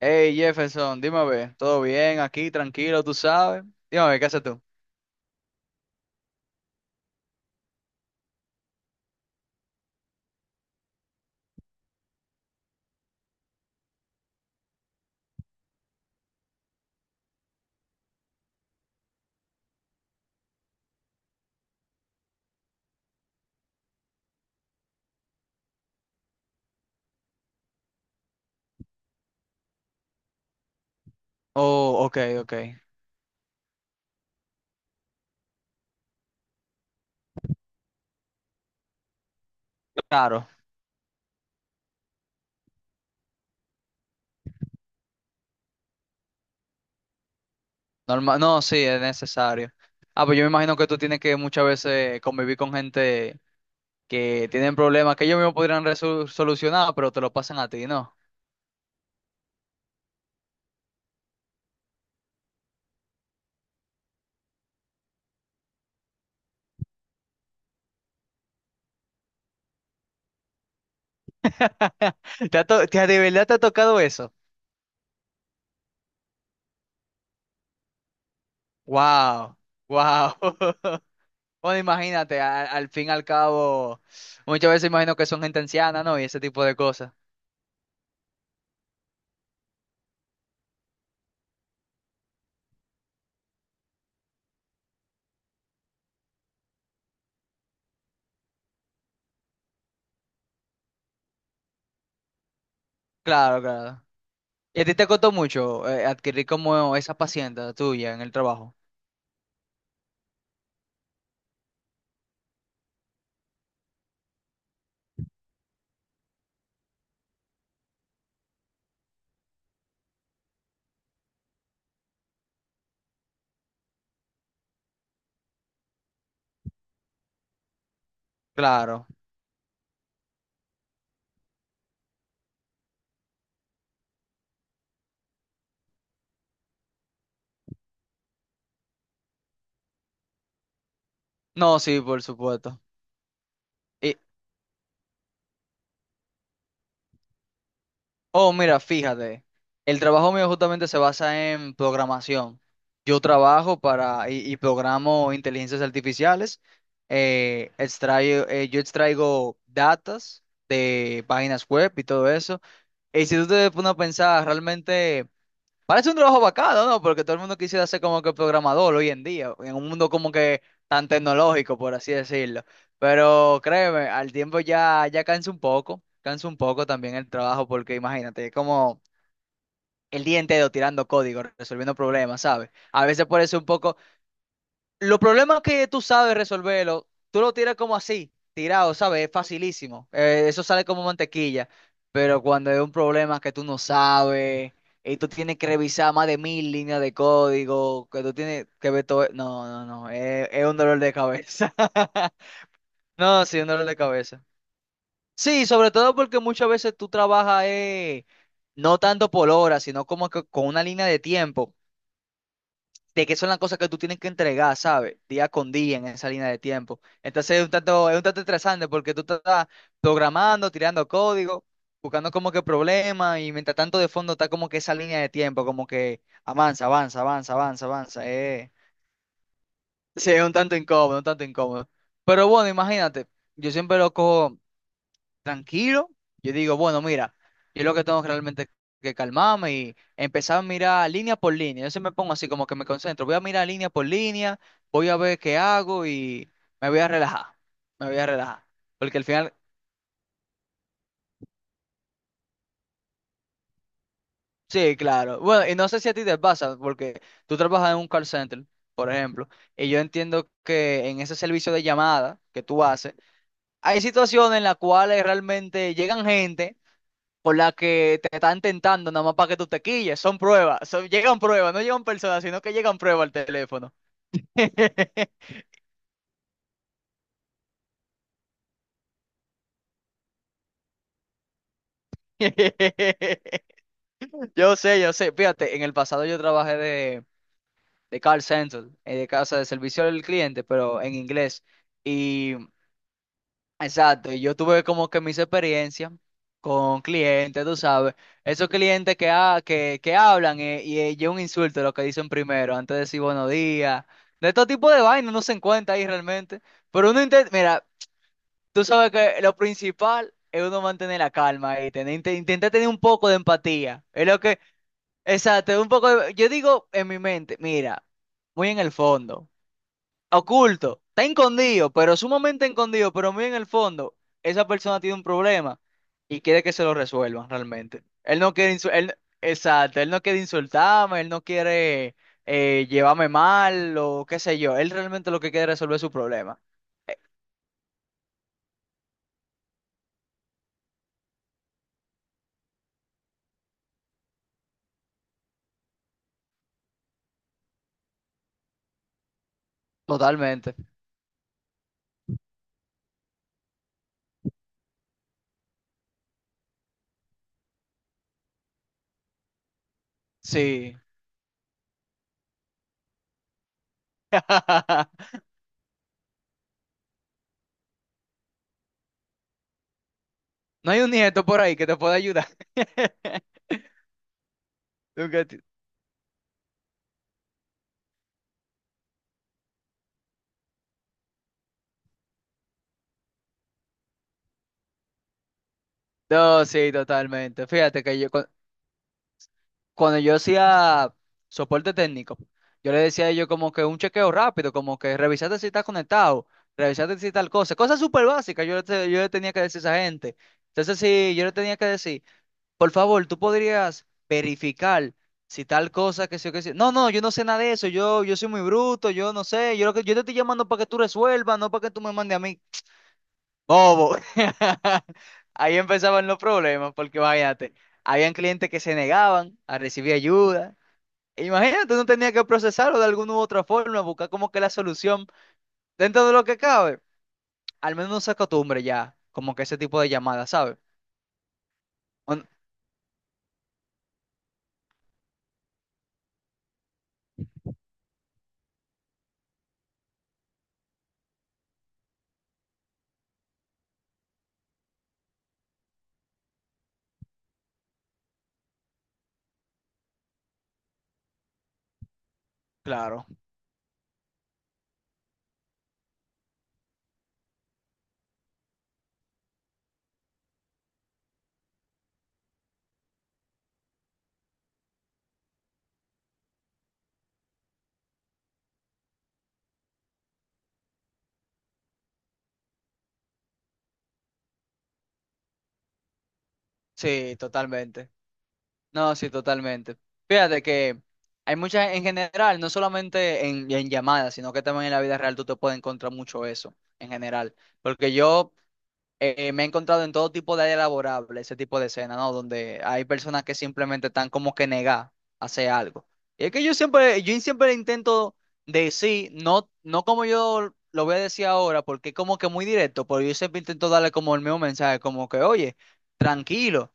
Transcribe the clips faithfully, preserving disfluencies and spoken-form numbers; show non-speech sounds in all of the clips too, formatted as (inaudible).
Hey Jefferson, dime a ver, ¿todo bien aquí? Tranquilo, tú sabes. Dime a ver, ¿qué haces tú? Oh, ok, ok. Claro, normal. No, sí, es necesario. Ah, pues yo me imagino que tú tienes que muchas veces convivir con gente que tienen problemas que ellos mismos podrían resol- solucionar, pero te lo pasan a ti, ¿no? (laughs) ¿Te ha to- te ha- De verdad te ha tocado eso? Wow, wow. (laughs) Bueno, imagínate, a- al fin y al cabo, muchas veces imagino que son gente anciana, ¿no? Y ese tipo de cosas. Claro, claro. ¿Y a ti te costó mucho eh, adquirir como esa paciencia tuya en el trabajo? Claro. No, sí, por supuesto. Y, oh, mira, fíjate, el trabajo mío justamente se basa en programación. Yo trabajo para y, y programo inteligencias artificiales. Eh, extraigo- eh, yo extraigo datas de páginas web y todo eso. Y si tú te pones a pensar, realmente parece un trabajo bacano, ¿no? Porque todo el mundo quisiera ser como que programador hoy en día, en un mundo como que tan tecnológico, por así decirlo. Pero créeme, al tiempo ya, ya cansa un poco, cansa un poco también el trabajo, porque imagínate, es como el día entero tirando código, resolviendo problemas, ¿sabes? A veces por eso un poco, los problemas que tú sabes resolverlo, tú lo tiras como así, tirado, ¿sabes? Es facilísimo. Eh, eso sale como mantequilla. Pero cuando es un problema que tú no sabes y tú tienes que revisar más de mil líneas de código, que tú tienes que ver todo. No, no, no. Es, es un dolor de cabeza. (laughs) No, sí, un dolor de cabeza. Sí, sobre todo porque muchas veces tú trabajas eh, no tanto por hora, sino como que con una línea de tiempo de que son las cosas que tú tienes que entregar, ¿sabes? Día con día en esa línea de tiempo. Entonces es un tanto, es un tanto estresante porque tú estás programando, tirando código, buscando como que problemas y mientras tanto de fondo está como que esa línea de tiempo, como que avanza, avanza, avanza, avanza, avanza. Eh. (laughs) Sí, es un tanto incómodo, un tanto incómodo. Pero bueno, imagínate, yo siempre lo cojo tranquilo, yo digo, bueno, mira, yo lo que tengo realmente que calmarme y empezar a mirar línea por línea. Yo se me pongo así como que me concentro, voy a mirar línea por línea, voy a ver qué hago y me voy a relajar, me voy a relajar. Porque al final, sí, claro. Bueno, y no sé si a ti te pasa, porque tú trabajas en un call center, por ejemplo, y yo entiendo que en ese servicio de llamada que tú haces, hay situaciones en las cuales realmente llegan gente por la que te están tentando nada más para que tú te quilles. Son pruebas, son- llegan pruebas, no llegan personas, sino que llegan pruebas al teléfono. (laughs) Yo sé, yo sé. Fíjate, en el pasado yo trabajé de, de call center, eh, de casa de servicio al cliente, pero en inglés. Exacto, y yo tuve como que mis experiencias con clientes, tú sabes, esos clientes que, ha- que, que hablan eh, y eh, un insulto lo que dicen primero, antes de decir buenos días, de todo tipo de vainas uno se encuentra ahí realmente, pero uno intenta, mira, tú sabes que lo principal es uno mantener la calma y tener, inte- intentar tener un poco de empatía, es lo que, exacto, un poco de... yo digo en mi mente, mira, muy en el fondo oculto, está escondido, pero sumamente escondido, pero muy en el fondo, esa persona tiene un problema y quiere que se lo resuelvan realmente. Él no quiere, insu- él, exacto, él no quiere insultarme, él no quiere eh, llevarme mal o qué sé yo, él realmente lo que quiere es resolver su problema. Eh, Totalmente, sí. (laughs) No hay un nieto por ahí que te pueda ayudar. (laughs) Nunca te... No, sí, totalmente. Fíjate que yo, cuando yo hacía soporte técnico, yo le decía a ellos como que un chequeo rápido, como que revisate si estás conectado, revisate si tal cosa, cosas súper básicas, yo, le te- yo le tenía que decir a esa gente. Entonces, sí, yo le tenía que decir, por favor, tú podrías verificar si tal cosa que sí o que sí. No, no, yo no sé nada de eso, yo, yo soy muy bruto, yo no sé, yo, lo que, yo te estoy llamando para que tú resuelvas, no para que tú me mandes a mí. (tsk) Bobo. (laughs) Ahí empezaban los problemas, porque váyate, habían clientes que se negaban a recibir ayuda. Imagínate, no tenía que procesarlo de alguna u otra forma, buscar como que la solución dentro de lo que cabe. Al menos no se acostumbre ya, como que ese tipo de llamadas, ¿sabes? Un... claro, sí, totalmente. No, sí, totalmente. Fíjate que hay muchas, en general, no solamente en, en llamadas, sino que también en la vida real tú te puedes encontrar mucho eso, en general. Porque yo eh, me he encontrado en todo tipo de área laborable ese tipo de escena, ¿no? Donde hay personas que simplemente están como que negadas a hacer algo. Y es que yo siempre, yo siempre intento decir, no, no como yo lo voy a decir ahora, porque es como que muy directo, pero yo siempre intento darle como el mismo mensaje, como que, oye, tranquilo,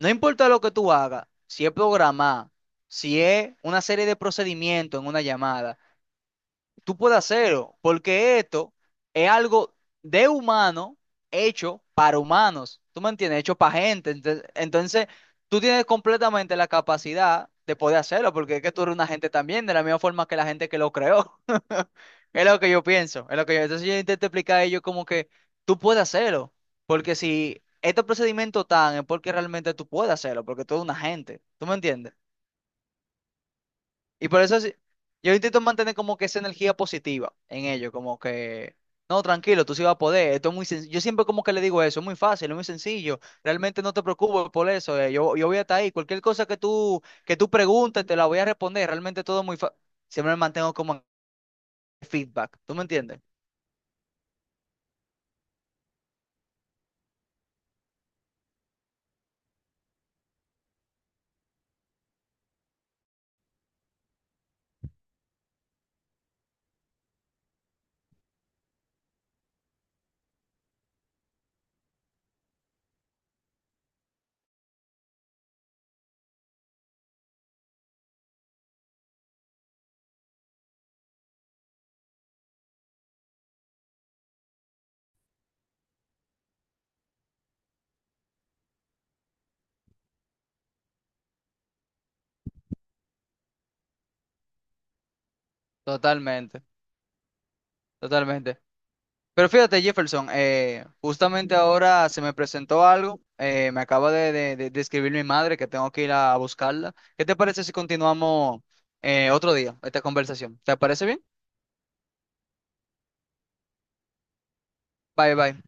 no importa lo que tú hagas, si es programar, si es una serie de procedimientos en una llamada tú puedes hacerlo, porque esto es algo de humano hecho para humanos, ¿tú me entiendes? Hecho para gente. Entonces, entonces, tú tienes completamente la capacidad de poder hacerlo, porque es que tú eres una gente también, de la misma forma que la gente que lo creó. (laughs) Es lo que yo pienso, es lo que yo... Entonces yo intento explicar a ellos como que tú puedes hacerlo, porque si este procedimiento tan es porque realmente tú puedes hacerlo, porque tú eres una gente, ¿tú me entiendes? Y por eso sí, yo intento mantener como que esa energía positiva en ello, como que, no, tranquilo, tú sí vas a poder, esto es muy sencillo. Yo siempre como que le digo eso, es muy fácil, es muy sencillo, realmente no te preocupes por eso, eh, yo, yo voy a estar ahí, cualquier cosa que tú, que tú preguntes, te la voy a responder, realmente todo es muy fácil. Siempre me mantengo como en feedback, ¿tú me entiendes? Totalmente, totalmente. Pero fíjate, Jefferson, eh, justamente ahora se me presentó algo. eh, me acaba de, de- de- de escribir mi madre que tengo que ir a, a buscarla. ¿Qué te parece si continuamos eh, otro día esta conversación? ¿Te parece bien? Bye, bye.